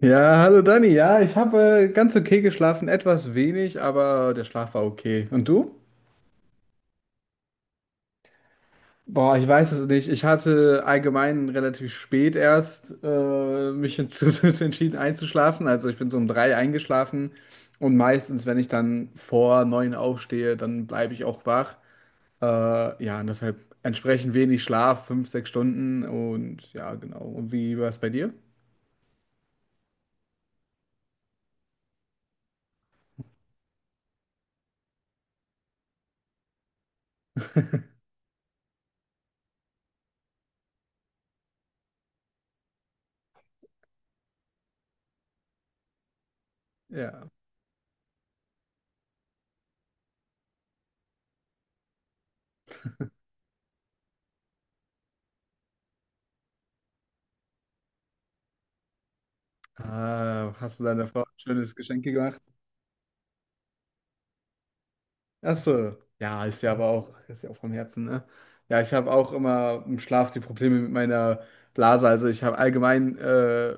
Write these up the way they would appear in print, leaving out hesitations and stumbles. Ja, hallo Dani. Ja, ich habe ganz okay geschlafen, etwas wenig, aber der Schlaf war okay. Und du? Boah, ich weiß es nicht. Ich hatte allgemein relativ spät erst mich dazu entschieden einzuschlafen. Also ich bin so um drei eingeschlafen und meistens, wenn ich dann vor neun aufstehe, dann bleibe ich auch wach. Ja, und deshalb entsprechend wenig Schlaf, fünf, sechs Stunden und ja, genau. Und wie war es bei dir? Ja. Ah, hast du deiner Frau ein schönes Geschenk gemacht? Ach so. Ja, ist ja aber auch, ist ja auch vom Herzen, ne? Ja, ich habe auch immer im Schlaf die Probleme mit meiner Blase. Also ich habe allgemein,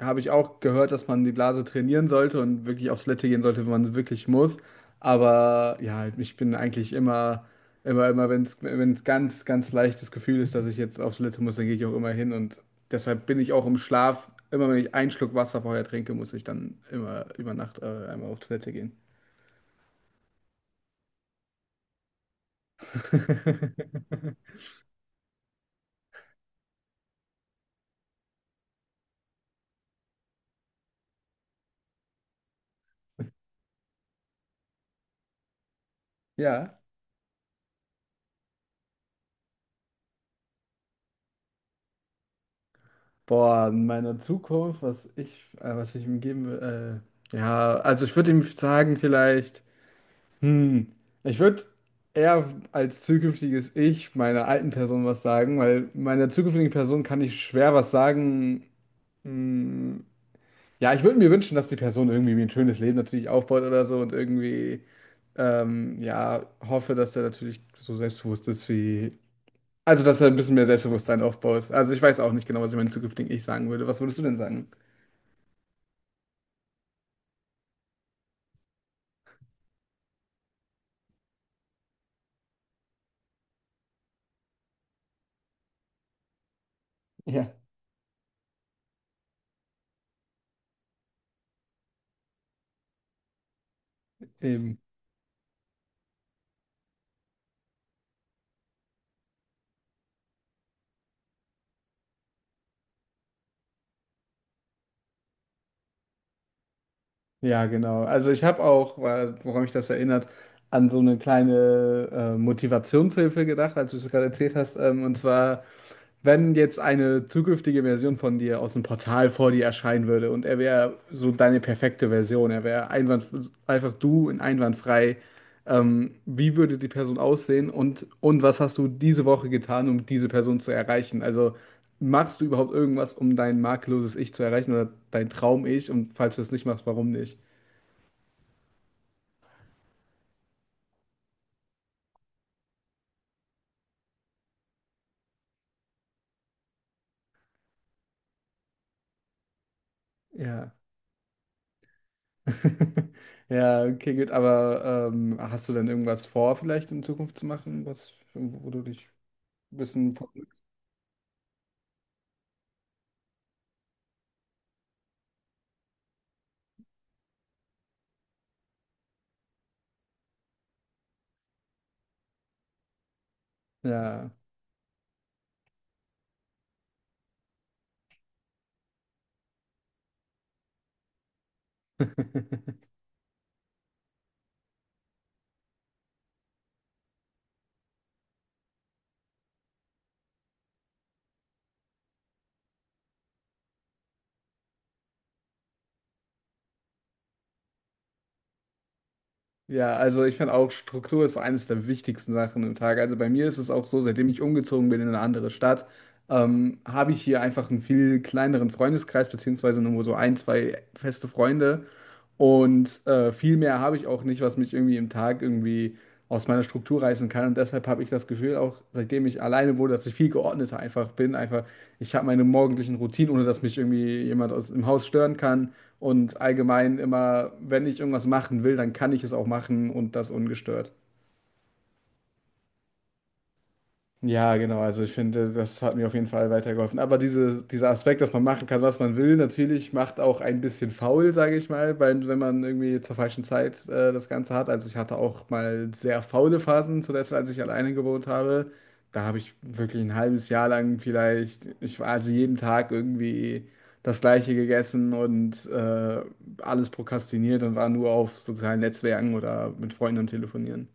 habe ich auch gehört, dass man die Blase trainieren sollte und wirklich aufs Toilette gehen sollte, wenn man wirklich muss. Aber ja, halt, ich bin eigentlich immer, wenn wenn es ganz, ganz leichtes Gefühl ist, dass ich jetzt aufs Toilette muss, dann gehe ich auch immer hin. Und deshalb bin ich auch im Schlaf, immer wenn ich einen Schluck Wasser vorher trinke, muss ich dann immer über Nacht, einmal auf Toilette gehen. Ja. Boah, in meiner Zukunft, was ich ihm geben will, ja, also ich würde ihm sagen, vielleicht, hm, ich würde eher als zukünftiges Ich meiner alten Person was sagen, weil meiner zukünftigen Person kann ich schwer was sagen. Hm, ja, ich würde mir wünschen, dass die Person irgendwie mir ein schönes Leben natürlich aufbaut oder so und irgendwie, ja, hoffe, dass der natürlich so selbstbewusst ist, also dass er ein bisschen mehr Selbstbewusstsein aufbaut. Also ich weiß auch nicht genau, was ich meinem zukünftigen Ich sagen würde. Was würdest du denn sagen? Ja, eben. Ja, genau. Also ich habe auch, woran mich das erinnert, an so eine kleine Motivationshilfe gedacht, als du es gerade erzählt hast. Und zwar wenn jetzt eine zukünftige Version von dir aus dem Portal vor dir erscheinen würde und er wäre so deine perfekte Version, einfach du in einwandfrei, wie würde die Person aussehen und was hast du diese Woche getan, um diese Person zu erreichen? Also machst du überhaupt irgendwas, um dein makelloses Ich zu erreichen oder dein Traum-Ich? Und falls du es nicht machst, warum nicht? Ja. Ja, okay, gut, aber hast du denn irgendwas vor, vielleicht in Zukunft zu machen, wo du dich ein bisschen. Ja, ja, also ich finde auch, Struktur ist so eines der wichtigsten Sachen im Tag. Also bei mir ist es auch so, seitdem ich umgezogen bin in eine andere Stadt, habe ich hier einfach einen viel kleineren Freundeskreis, beziehungsweise nur so ein, zwei feste Freunde. Und viel mehr habe ich auch nicht, was mich irgendwie im Tag irgendwie aus meiner Struktur reißen kann. Und deshalb habe ich das Gefühl, auch seitdem ich alleine wurde, dass ich viel geordneter einfach bin. Einfach, ich habe meine morgendlichen Routinen, ohne dass mich irgendwie jemand aus im Haus stören kann. Und allgemein immer, wenn ich irgendwas machen will, dann kann ich es auch machen und das ungestört. Ja, genau. Also ich finde, das hat mir auf jeden Fall weitergeholfen. Aber dieser Aspekt, dass man machen kann, was man will, natürlich macht auch ein bisschen faul, sage ich mal, weil, wenn man irgendwie zur falschen Zeit das Ganze hat. Also ich hatte auch mal sehr faule Phasen, zuletzt als ich alleine gewohnt habe. Da habe ich wirklich ein halbes Jahr lang vielleicht, ich war also jeden Tag irgendwie das Gleiche gegessen und alles prokrastiniert und war nur auf sozialen Netzwerken oder mit Freunden am Telefonieren.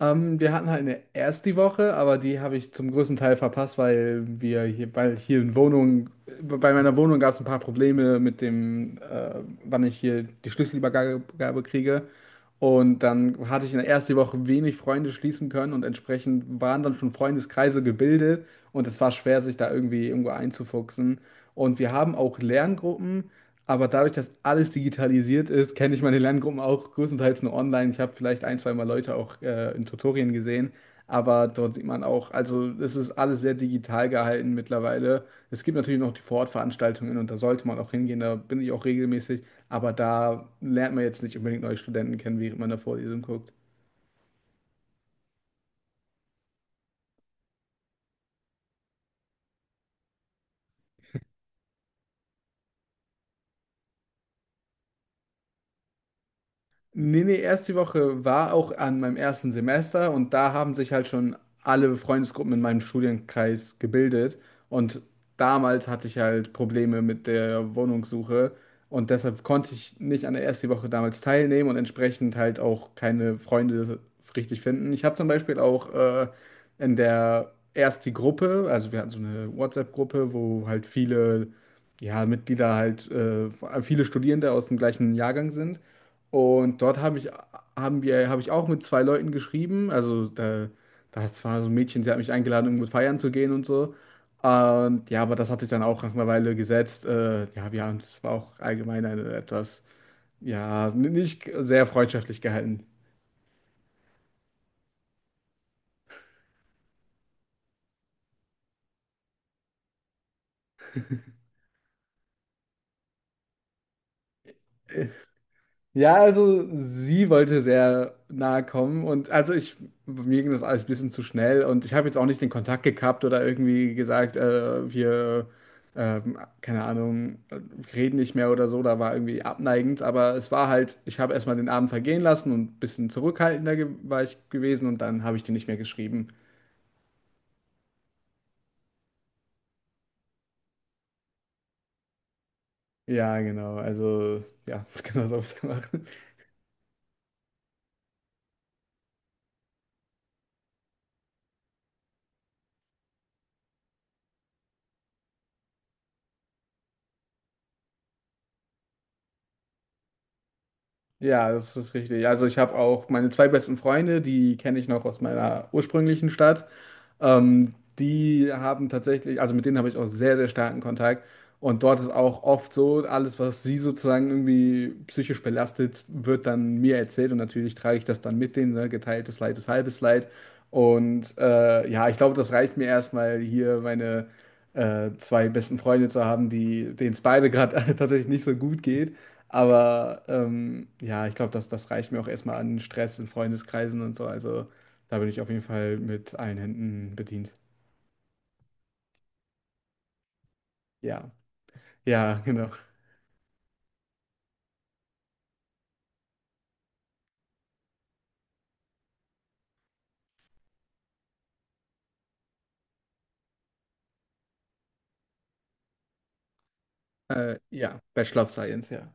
Wir hatten halt eine erste Woche, aber die habe ich zum größten Teil verpasst, weil hier in Wohnung, bei meiner Wohnung gab es ein paar Probleme mit dem, wann ich hier die Schlüsselübergabe Gabe kriege. Und dann hatte ich in der ersten Woche wenig Freunde schließen können und entsprechend waren dann schon Freundeskreise gebildet und es war schwer, sich da irgendwie irgendwo einzufuchsen. Und wir haben auch Lerngruppen. Aber dadurch, dass alles digitalisiert ist, kenne ich meine Lerngruppen auch größtenteils nur online. Ich habe vielleicht ein, zwei Mal Leute auch in Tutorien gesehen, aber dort sieht man auch, also es ist alles sehr digital gehalten mittlerweile. Es gibt natürlich noch die Vorortveranstaltungen und da sollte man auch hingehen, da bin ich auch regelmäßig, aber da lernt man jetzt nicht unbedingt neue Studenten kennen, während man da Vorlesung guckt. Nee, erst die Woche war auch an meinem ersten Semester und da haben sich halt schon alle Freundesgruppen in meinem Studienkreis gebildet. Und damals hatte ich halt Probleme mit der Wohnungssuche und deshalb konnte ich nicht an der ersten Woche damals teilnehmen und entsprechend halt auch keine Freunde richtig finden. Ich habe zum Beispiel auch in der ersten Gruppe, also wir hatten so eine WhatsApp-Gruppe, wo halt viele ja, Mitglieder, viele Studierende aus dem gleichen Jahrgang sind. Und dort habe ich auch mit zwei Leuten geschrieben. Das war so ein Mädchen, sie hat mich eingeladen, irgendwo feiern zu gehen und so. Und ja, aber das hat sich dann auch nach einer Weile gesetzt. Ja, wir haben es war auch allgemein etwas, ja, nicht sehr freundschaftlich gehalten. Ja, also sie wollte sehr nahe kommen und mir ging das alles ein bisschen zu schnell und ich habe jetzt auch nicht den Kontakt gekappt oder irgendwie gesagt, keine Ahnung, reden nicht mehr oder so, da war irgendwie abneigend, aber es war halt, ich habe erstmal den Abend vergehen lassen und ein bisschen zurückhaltender war ich gewesen und dann habe ich die nicht mehr geschrieben. Ja, genau, also ja, genau so habe ich es gemacht. Ja, das ist richtig. Also ich habe auch meine zwei besten Freunde, die kenne ich noch aus meiner ursprünglichen Stadt. Die haben tatsächlich, also mit denen habe ich auch sehr, sehr starken Kontakt. Und dort ist auch oft so, alles, was sie sozusagen irgendwie psychisch belastet, wird dann mir erzählt. Und natürlich trage ich das dann mit denen, ne? Geteiltes Leid ist halbes Leid. Und ja, ich glaube, das reicht mir erstmal hier meine zwei besten Freunde zu haben, die, denen es beide gerade tatsächlich nicht so gut geht. Aber ja, ich glaube, das reicht mir auch erstmal an Stress in Freundeskreisen und so. Also da bin ich auf jeden Fall mit allen Händen bedient. Ja, ja, genau. Ja, Bachelor of Science, ja.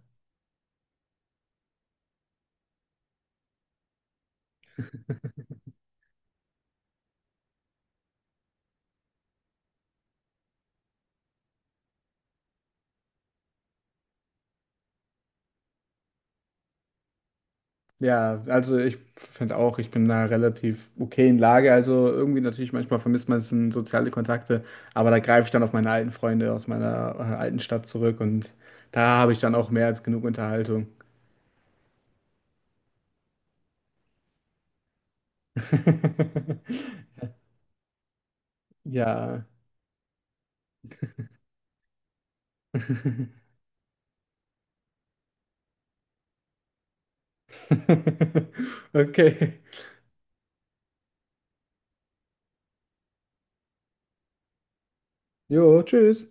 Ja, also ich finde auch, ich bin in einer relativ okayen Lage. Also irgendwie natürlich manchmal vermisst man es in soziale Kontakte, aber da greife ich dann auf meine alten Freunde aus meiner alten Stadt zurück und da habe ich dann auch mehr als genug Unterhaltung. Ja. Okay. Jo, tschüss.